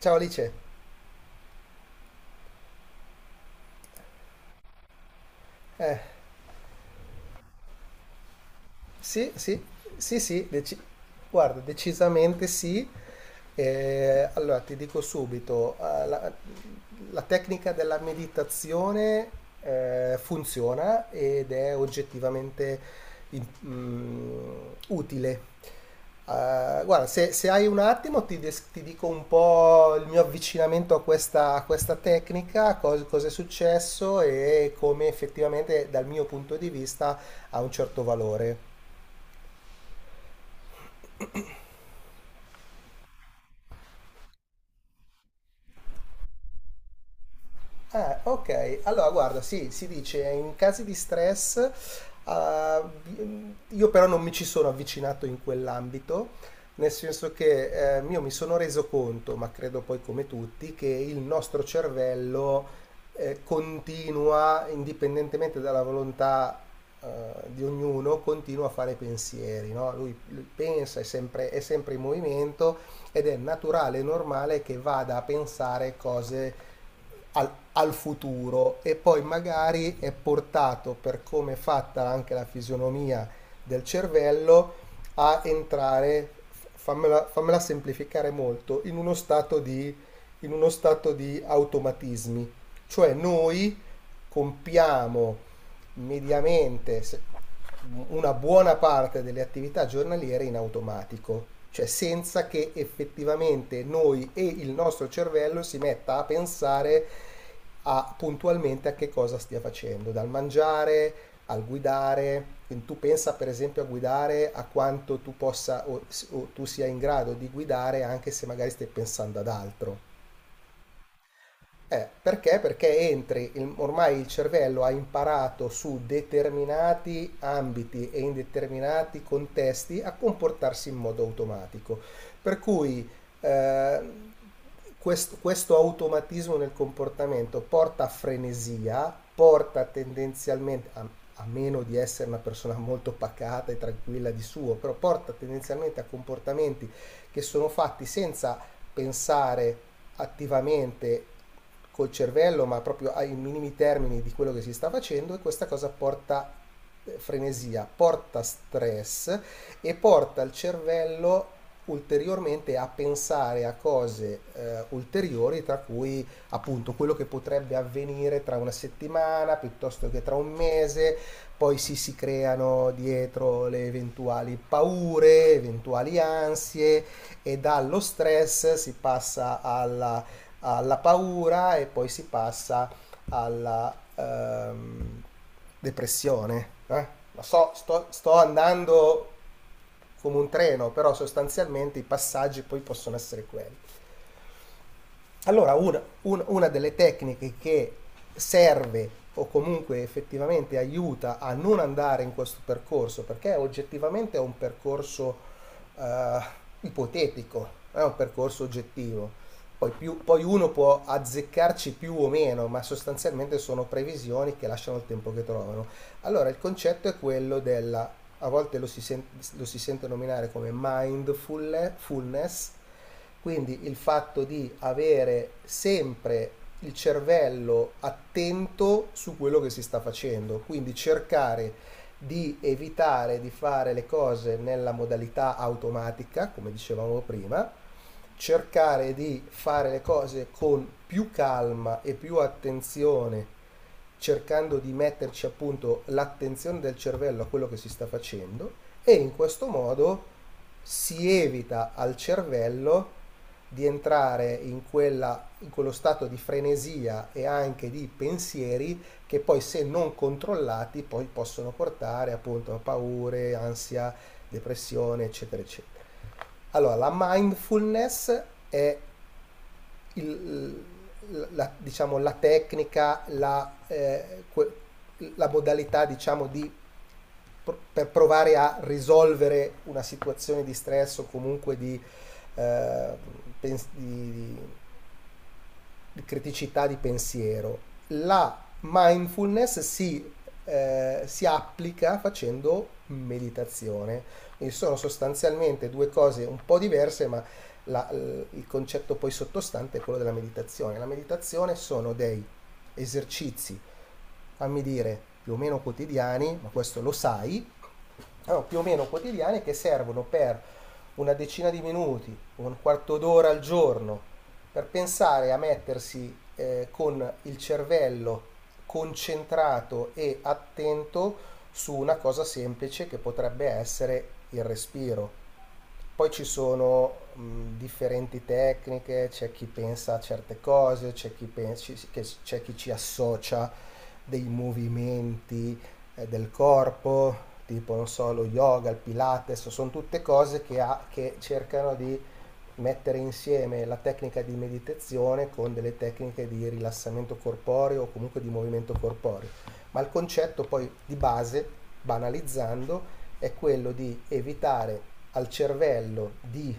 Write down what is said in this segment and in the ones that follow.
Ciao Alice. Eh, sì, sì, sì, sì, guarda, decisamente sì. Allora ti dico subito, la tecnica della meditazione funziona ed è oggettivamente in- mm, utile. Guarda, se hai un attimo ti dico un po' il mio avvicinamento a questa tecnica, cosa è successo e come effettivamente dal mio punto di vista ha un certo valore. Ah, ok. Allora, guarda, sì, si dice in casi di stress, io però non mi ci sono avvicinato in quell'ambito, nel senso che io mi sono reso conto, ma credo poi come tutti, che il nostro cervello continua, indipendentemente dalla volontà eh, di ognuno, continua a fare pensieri, no? Lui pensa, è sempre in movimento ed è naturale e normale che vada a pensare cose al futuro e poi magari è portato per come è fatta anche la fisionomia del cervello a entrare, fammela semplificare molto, in uno stato di automatismi. Cioè noi compiamo mediamente, una buona parte delle attività giornaliere in automatico, cioè senza che effettivamente noi e il nostro cervello si metta a pensare a, puntualmente a che cosa stia facendo, dal mangiare al guidare. Quindi tu pensa per esempio a guidare a quanto tu possa o tu sia in grado di guidare anche se magari stai pensando ad altro. Perché? Perché entri, ormai il cervello ha imparato su determinati ambiti e in determinati contesti a comportarsi in modo automatico. Per cui eh, questo automatismo nel comportamento porta a frenesia, porta tendenzialmente, a meno di essere una persona molto pacata e tranquilla di suo, però porta tendenzialmente a comportamenti che sono fatti senza pensare attivamente col cervello, ma proprio ai minimi termini di quello che si sta facendo e questa cosa porta frenesia, porta stress e porta il cervello ulteriormente a pensare a cose ulteriori, tra cui appunto quello che potrebbe avvenire tra una settimana piuttosto che tra un mese, poi si creano dietro le eventuali paure, eventuali ansie, e dallo stress si passa alla paura e poi si passa alla depressione. Lo so, sto andando come un treno, però sostanzialmente i passaggi poi possono essere quelli. Allora, una delle tecniche che serve o comunque effettivamente aiuta a non andare in questo percorso, perché oggettivamente è un percorso eh, ipotetico, non è un percorso oggettivo. Poi, poi uno può azzeccarci più o meno, ma sostanzialmente sono previsioni che lasciano il tempo che trovano. Allora, il concetto è quello della, a volte lo si sente nominare come mindfulness, quindi il fatto di avere sempre il cervello attento su quello che si sta facendo, quindi cercare di evitare di fare le cose nella modalità automatica, come dicevamo prima, cercare di fare le cose con più calma e più attenzione cercando di metterci appunto l'attenzione del cervello a quello che si sta facendo e in questo modo si evita al cervello di entrare in quello stato di frenesia e anche di pensieri che poi se non controllati poi possono portare appunto a paure, ansia, depressione eccetera eccetera. Allora la mindfulness è il- la, diciamo, la tecnica, la modalità diciamo, di, per provare a risolvere una situazione di stress o comunque di, eh, pens- di- di- criticità di pensiero, la mindfulness si applica facendo meditazione. Quindi sono sostanzialmente due cose un po' diverse, ma il concetto poi sottostante è quello della meditazione. La meditazione sono dei esercizi, fammi dire, più o meno quotidiani, ma questo lo sai, allora, più o meno quotidiane che servono per una decina di minuti, un quarto d'ora al giorno, per pensare a mettersi con il cervello concentrato e attento su una cosa semplice che potrebbe essere il respiro. Poi ci sono differenti tecniche, c'è chi pensa a certe cose, c'è chi ci associa dei movimenti del corpo, tipo non so, lo yoga, il pilates, sono tutte cose che cercano di mettere insieme la tecnica di meditazione con delle tecniche di rilassamento corporeo o comunque di movimento corporeo. Ma il concetto poi di base, banalizzando, è quello di evitare al cervello di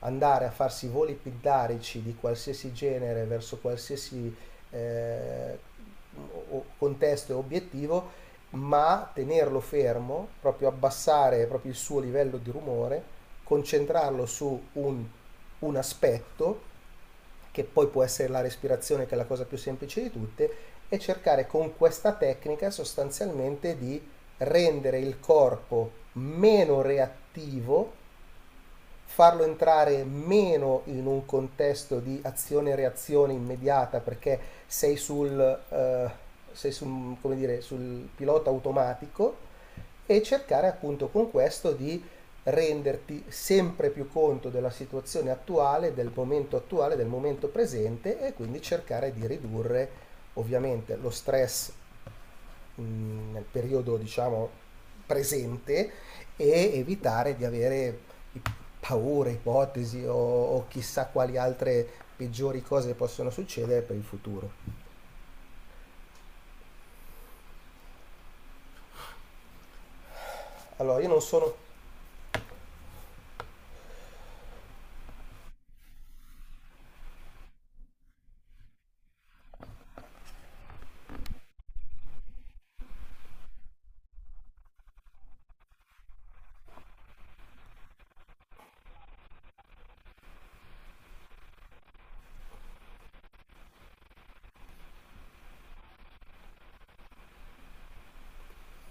andare a farsi voli pindarici di qualsiasi genere verso qualsiasi eh, contesto e obiettivo, ma tenerlo fermo, proprio abbassare proprio il suo livello di rumore, concentrarlo su un aspetto che poi può essere la respirazione che è la cosa più semplice di tutte, e cercare con questa tecnica sostanzialmente di rendere il corpo meno reattivo farlo entrare meno in un contesto di azione-reazione immediata perché sei sul, eh, sei sul, come dire, sul pilota automatico e cercare appunto con questo di renderti sempre più conto della situazione attuale, del momento presente e quindi cercare di ridurre ovviamente lo stress nel periodo diciamo presente e evitare di avere i- paure, ipotesi o chissà quali altre peggiori cose possono succedere per il futuro. Allora, io non sono...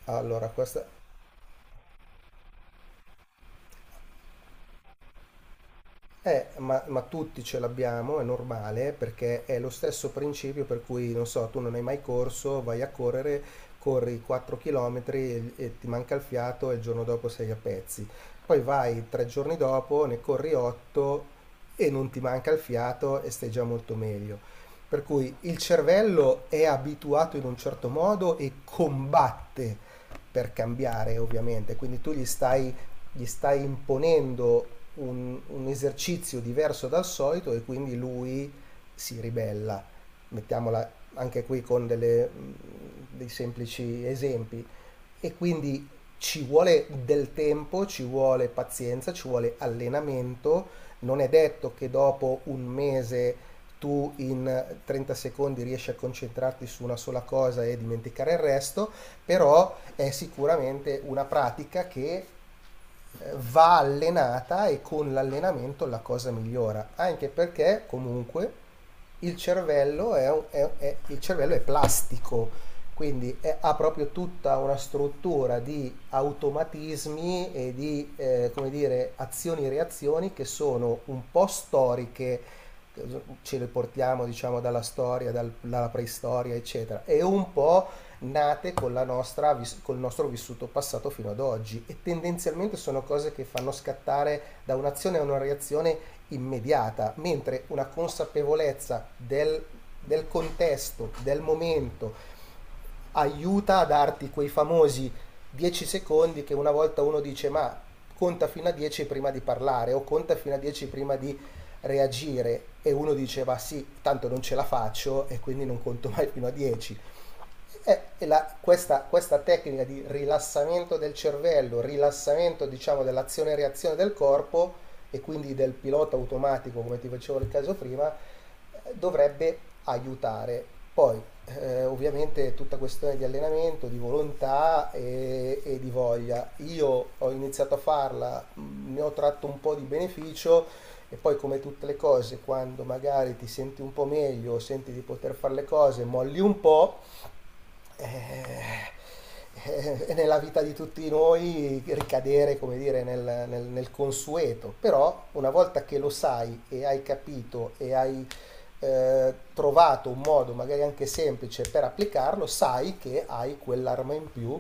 Allora, questa. Ma tutti ce l'abbiamo, è normale, perché è lo stesso principio per cui, non so, tu non hai mai corso, vai a correre, corri 4 km e ti manca il fiato e il giorno dopo sei a pezzi. Poi vai tre giorni dopo, ne corri 8 e non ti manca il fiato e stai già molto meglio. Per cui il cervello è abituato in un certo modo e combatte per cambiare, ovviamente. Quindi tu gli stai imponendo un esercizio diverso dal solito e quindi lui si ribella. Mettiamola anche qui con dei semplici esempi. E quindi ci vuole del tempo, ci vuole pazienza, ci vuole allenamento. Non è detto che dopo un mese tu in 30 secondi riesci a concentrarti su una sola cosa e dimenticare il resto, però è sicuramente una pratica che va allenata e con l'allenamento la cosa migliora, anche perché comunque il cervello è, un- è- il cervello è plastico, quindi ha proprio tutta una struttura di automatismi e di come dire, azioni e reazioni che sono un po' storiche, ce le portiamo diciamo dalla storia, dalla preistoria, eccetera, e un po' nate con col nostro vissuto passato fino ad oggi e tendenzialmente sono cose che fanno scattare da un'azione a una reazione immediata, mentre una consapevolezza del contesto, del momento, aiuta a darti quei famosi 10 secondi che una volta uno dice ma conta fino a 10 prima di parlare o conta fino a 10 prima di reagire e uno dice ma sì, tanto non ce la faccio e quindi non conto mai fino a 10 e questa tecnica di rilassamento del cervello, rilassamento diciamo dell'azione e reazione del corpo e quindi del pilota automatico, come ti facevo nel caso prima, dovrebbe aiutare. Poi, ovviamente, è tutta questione di allenamento, di volontà e di voglia. Io ho iniziato a farla, ne ho tratto un po' di beneficio e poi, come tutte le cose, quando magari ti senti un po' meglio, senti di poter fare le cose, molli un po' eh, nella vita di tutti noi ricadere, come dire, nel consueto, però una volta che lo sai e hai capito e hai trovato un modo magari anche semplice per applicarlo, sai che hai quell'arma in più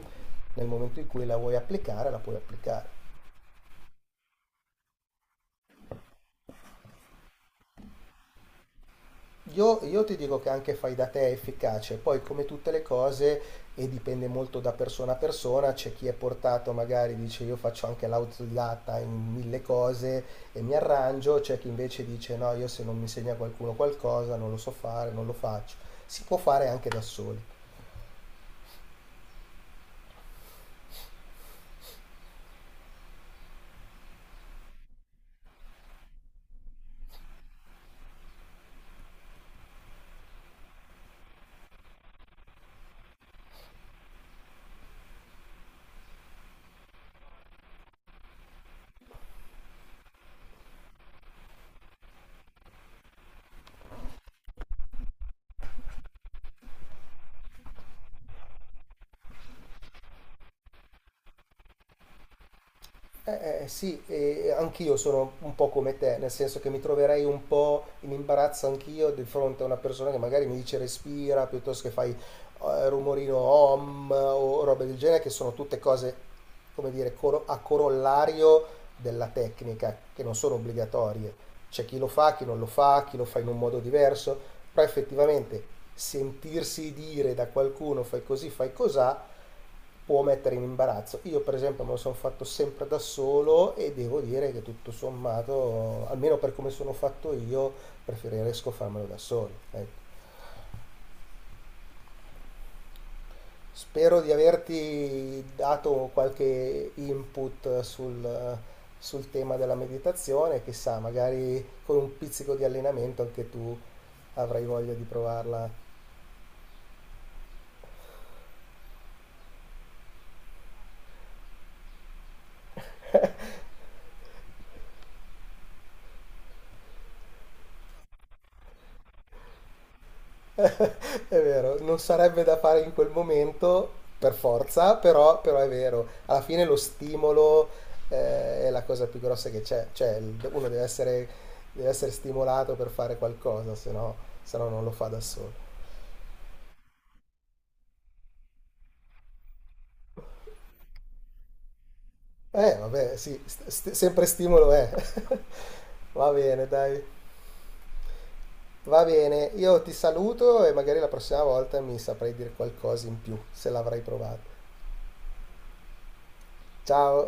nel momento in cui la vuoi applicare, la puoi applicare. Io ti dico che anche fai da te è efficace, poi come tutte le cose, e dipende molto da persona a persona, c'è chi è portato magari dice io faccio anche l'autodidatta in mille cose e mi arrangio, c'è chi invece dice no, io se non mi insegna qualcuno qualcosa non lo so fare, non lo faccio. Si può fare anche da soli. Sì, e anch'io sono un po' come te, nel senso che mi troverei un po' in imbarazzo anch'io di fronte a una persona che magari mi dice respira piuttosto che fai rumorino om o robe del genere, che sono tutte cose, come dire, a corollario della tecnica, che non sono obbligatorie. C'è chi lo fa, chi non lo fa, chi lo fa in un modo diverso, però effettivamente sentirsi dire da qualcuno fai così, fai cosà può mettere in imbarazzo. Io per esempio me lo sono fatto sempre da solo e devo dire che tutto sommato, almeno per come sono fatto io, preferisco farmelo da solo. Ecco. Spero di averti dato qualche input sul tema della meditazione, chissà, magari con un pizzico di allenamento anche tu avrai voglia di provarla. È vero, non sarebbe da fare in quel momento per forza, però è vero, alla fine lo stimolo è la cosa più grossa che c'è, cioè uno deve essere stimolato per fare qualcosa, se no, non lo fa da solo. Vabbè, sì, sempre stimolo è. Va bene, dai. Va bene, io ti saluto e magari la prossima volta mi saprai dire qualcosa in più, se l'avrai provato. Ciao.